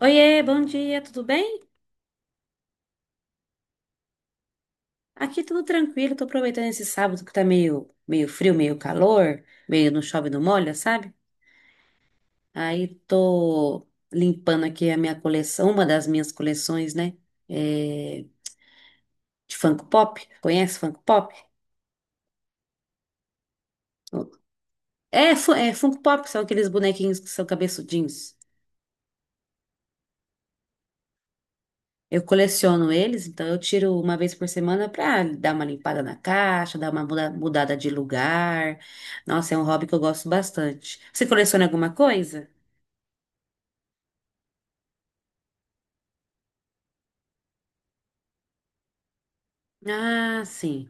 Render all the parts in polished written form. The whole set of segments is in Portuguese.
Oiê, bom dia, tudo bem? Aqui tudo tranquilo, tô aproveitando esse sábado que tá meio, meio não chove, não molha, sabe? Aí tô limpando aqui a minha coleção, uma das minhas coleções, né? é, de Funko Pop. Conhece Funko Pop? É, é Funko Pop, são aqueles bonequinhos que são cabeçudinhos. Eu coleciono eles, então eu tiro uma vez por semana para dar uma limpada na caixa, dar uma mudada de lugar. Nossa, é um hobby que eu gosto bastante. Você coleciona alguma coisa? Ah, sim.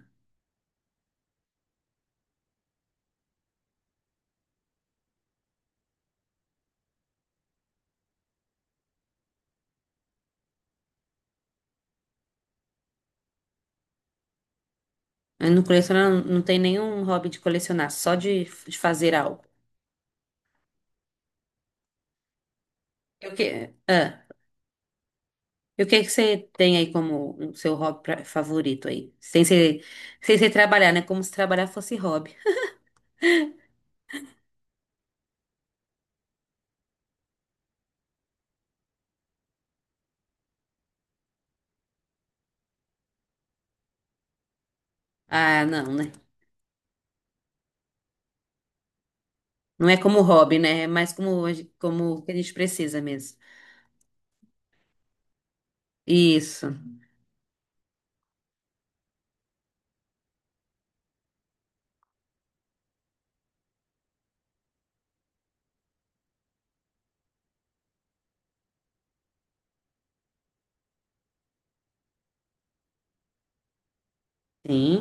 Eu não coleciono, não tem nenhum hobby de colecionar, só de fazer algo. E O que, ah, e o que que você tem aí como o seu hobby favorito aí? Sem ser, sem ser trabalhar, né? Como se trabalhar fosse hobby. Ah, não, né? Não é como hobby, né? É mais como, como o que a gente precisa mesmo. Isso. Sim.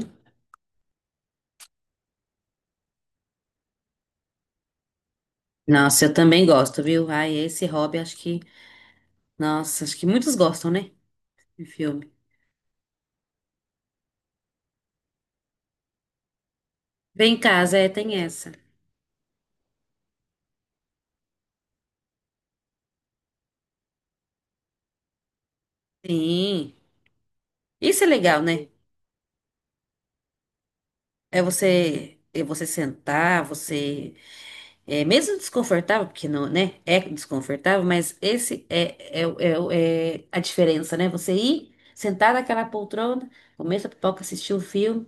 Nossa, eu também gosto, viu? Ai, esse hobby, acho que. Nossa, acho que muitos gostam, né? De filme. Vem em casa, é, tem essa. Sim. Isso é legal, né? É você. É você sentar, você. É mesmo desconfortável, porque não, né? É desconfortável, mas esse é, é, o- é, o- é a diferença, né? Você ir, sentar naquela poltrona, comer sua pipoca, assistir o filme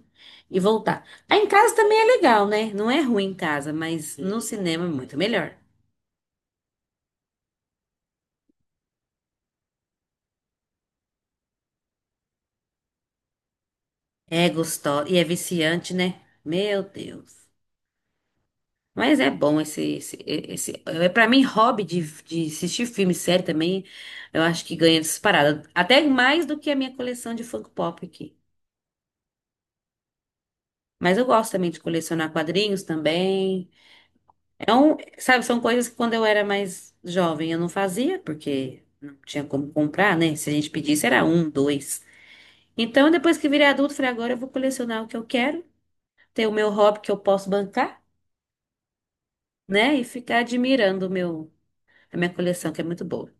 e voltar. Aí em casa também é legal, né? Não é ruim em casa, mas no cinema é muito melhor. É gostosa e é viciante, né? Meu Deus. Mas é bom esse é para mim hobby de assistir filme, série também. Eu acho que ganha disparada, até mais do que a minha coleção de Funko Pop aqui. Mas eu gosto também de colecionar quadrinhos também. É um, sabe, são coisas que quando eu era mais jovem eu não fazia porque não tinha como comprar, né? Se a gente pedisse era um, dois. Então depois que virei adulto, falei agora eu vou colecionar o que eu quero, ter o meu hobby que eu posso bancar. Né? E ficar admirando o meu, a minha coleção, que é muito boa.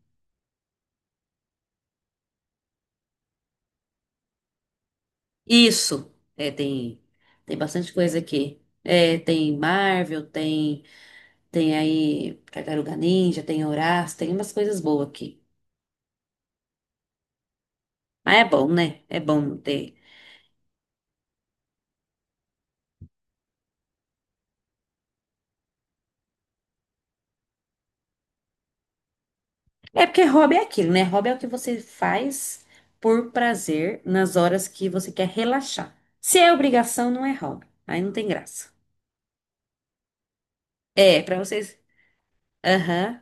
Isso, é, tem, tem bastante coisa aqui. É, tem Marvel, tem, tem aí Tartaruga Ninja, tem Horácio, tem umas coisas boas aqui. Mas é bom, né? É bom ter. É porque hobby é aquilo, né? Hobby é o que você faz por prazer nas horas que você quer relaxar. Se é obrigação, não é hobby. Aí não tem graça. É, pra vocês. Aham.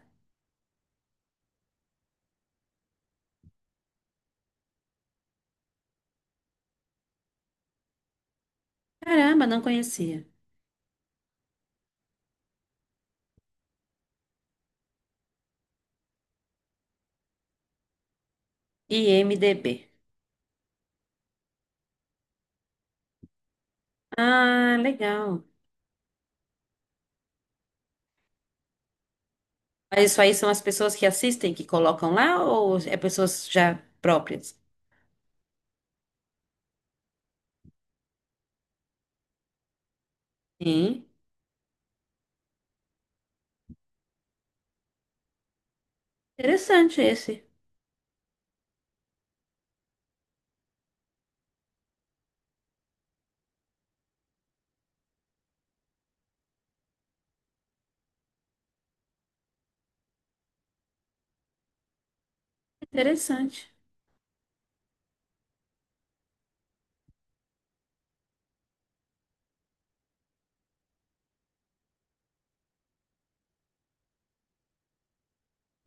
Caramba, não conhecia. IMDB. Ah, legal. Mas isso aí são as pessoas que assistem que colocam lá ou é pessoas já próprias? Sim. Interessante esse. Interessante.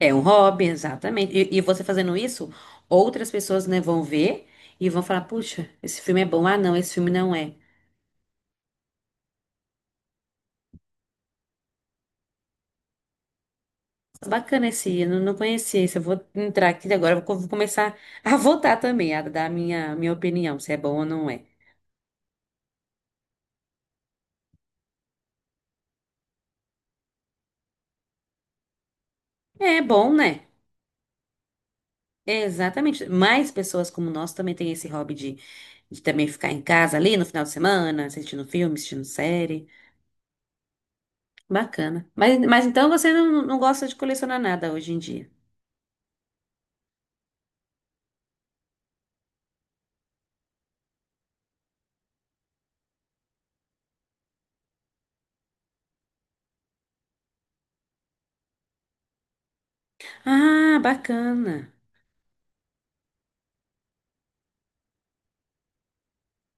É um hobby, exatamente. E você fazendo isso, outras pessoas, né, vão ver e vão falar: puxa, esse filme é bom. Ah, não, esse filme não é. Bacana esse, eu não conhecia esse. Eu vou entrar aqui agora, vou começar a votar também, a dar a minha opinião, se é bom ou não é. É bom, né? É, exatamente. Mais pessoas como nós também têm esse hobby de também ficar em casa ali no final de semana, assistindo filme, assistindo série. Bacana. Mas então você não, não gosta de colecionar nada hoje em dia? Ah, bacana.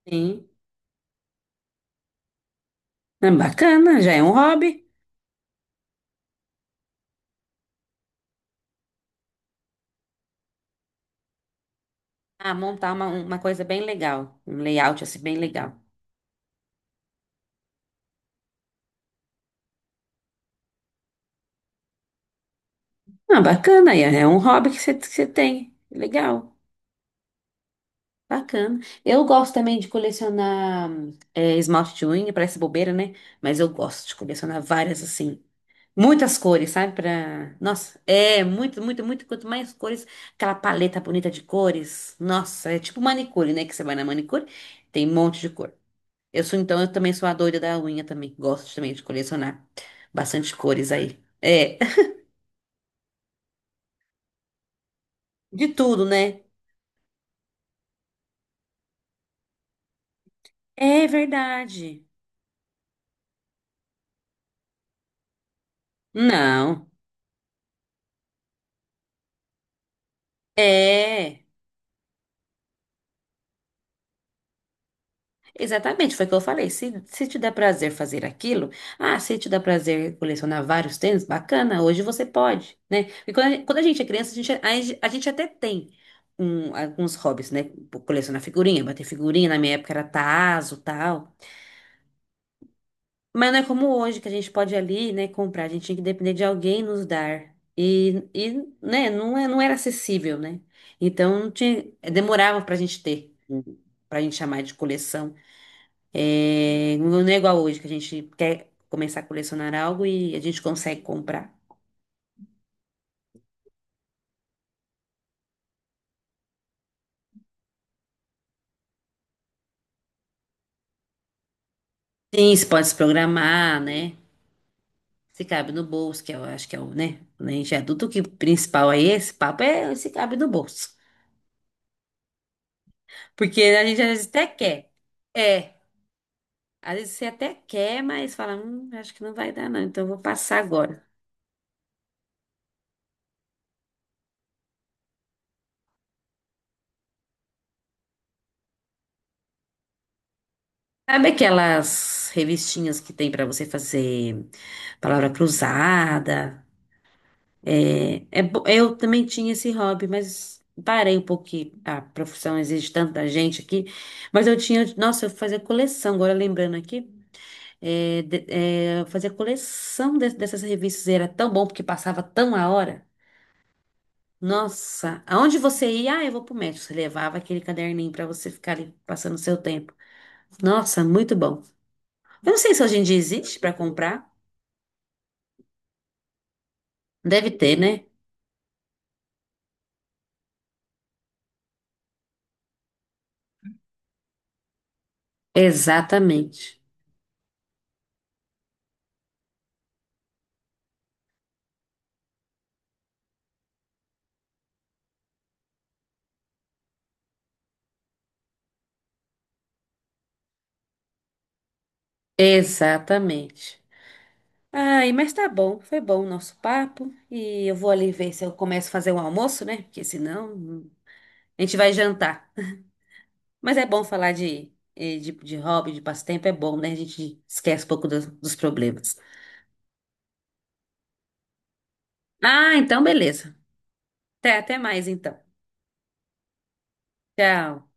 Sim. Ah, bacana, já é um hobby. Ah, montar uma coisa bem legal. Um layout assim bem legal. Ah, bacana, é é um hobby que você tem. Legal. Bacana. Eu gosto também de colecionar é, esmalte de unha, parece bobeira, né? Mas eu gosto de colecionar várias, assim. Muitas cores, sabe? Pra... Nossa, é muito, muito, muito. Quanto mais cores, aquela paleta bonita de cores. Nossa, é tipo manicure, né? Que você vai na manicure, tem um monte de cor. Eu sou, então, eu também sou a doida da unha também. Gosto também de colecionar bastante cores aí. É, de tudo, né? É verdade. Não. É. Exatamente, foi o que eu falei. Se te dá prazer fazer aquilo, ah, se te dá prazer colecionar vários tênis, bacana, hoje você pode, né? E quando quando a gente é criança, a gente até tem alguns hobbies, né? Colecionar figurinha, bater figurinha, na minha época era tazo, tal. Mas não é como hoje, que a gente pode ali, né, comprar, a gente tinha que depender de alguém nos dar. E né, não, é, não era acessível, né? Então, tinha, demorava pra gente ter, pra gente chamar de coleção. É, não é igual hoje, que a gente quer começar a colecionar algo e a gente consegue comprar. Sim, você pode se programar, né? Se cabe no bolso, que eu acho que é o, né? Quando a gente é adulto, o que principal aí, esse papo é se cabe no bolso. Porque a gente às vezes até quer. É, às vezes você até quer, mas fala, acho que não vai dar não, então eu vou passar agora. Sabe aquelas revistinhas que tem pra você fazer palavra cruzada? É, eu também tinha esse hobby, mas parei um pouquinho. A profissão exige tanta gente aqui. Mas eu tinha, nossa, eu fazia coleção, agora lembrando aqui. É, eu fazia coleção dessas revistas. Era tão bom porque passava tão a hora. Nossa, aonde você ia? Ah, eu vou pro médico. Você levava aquele caderninho para você ficar ali passando o seu tempo. Nossa, muito bom. Eu não sei se hoje em dia existe para comprar. Deve ter, né? Exatamente. Exatamente. Ai, mas tá bom, foi bom o nosso papo. E eu vou ali ver se eu começo a fazer um almoço, né? Porque senão a gente vai jantar. Mas é bom falar de hobby, de passatempo, é bom, né? A gente esquece um pouco dos problemas. Ah, então beleza. Até, até mais então. Tchau.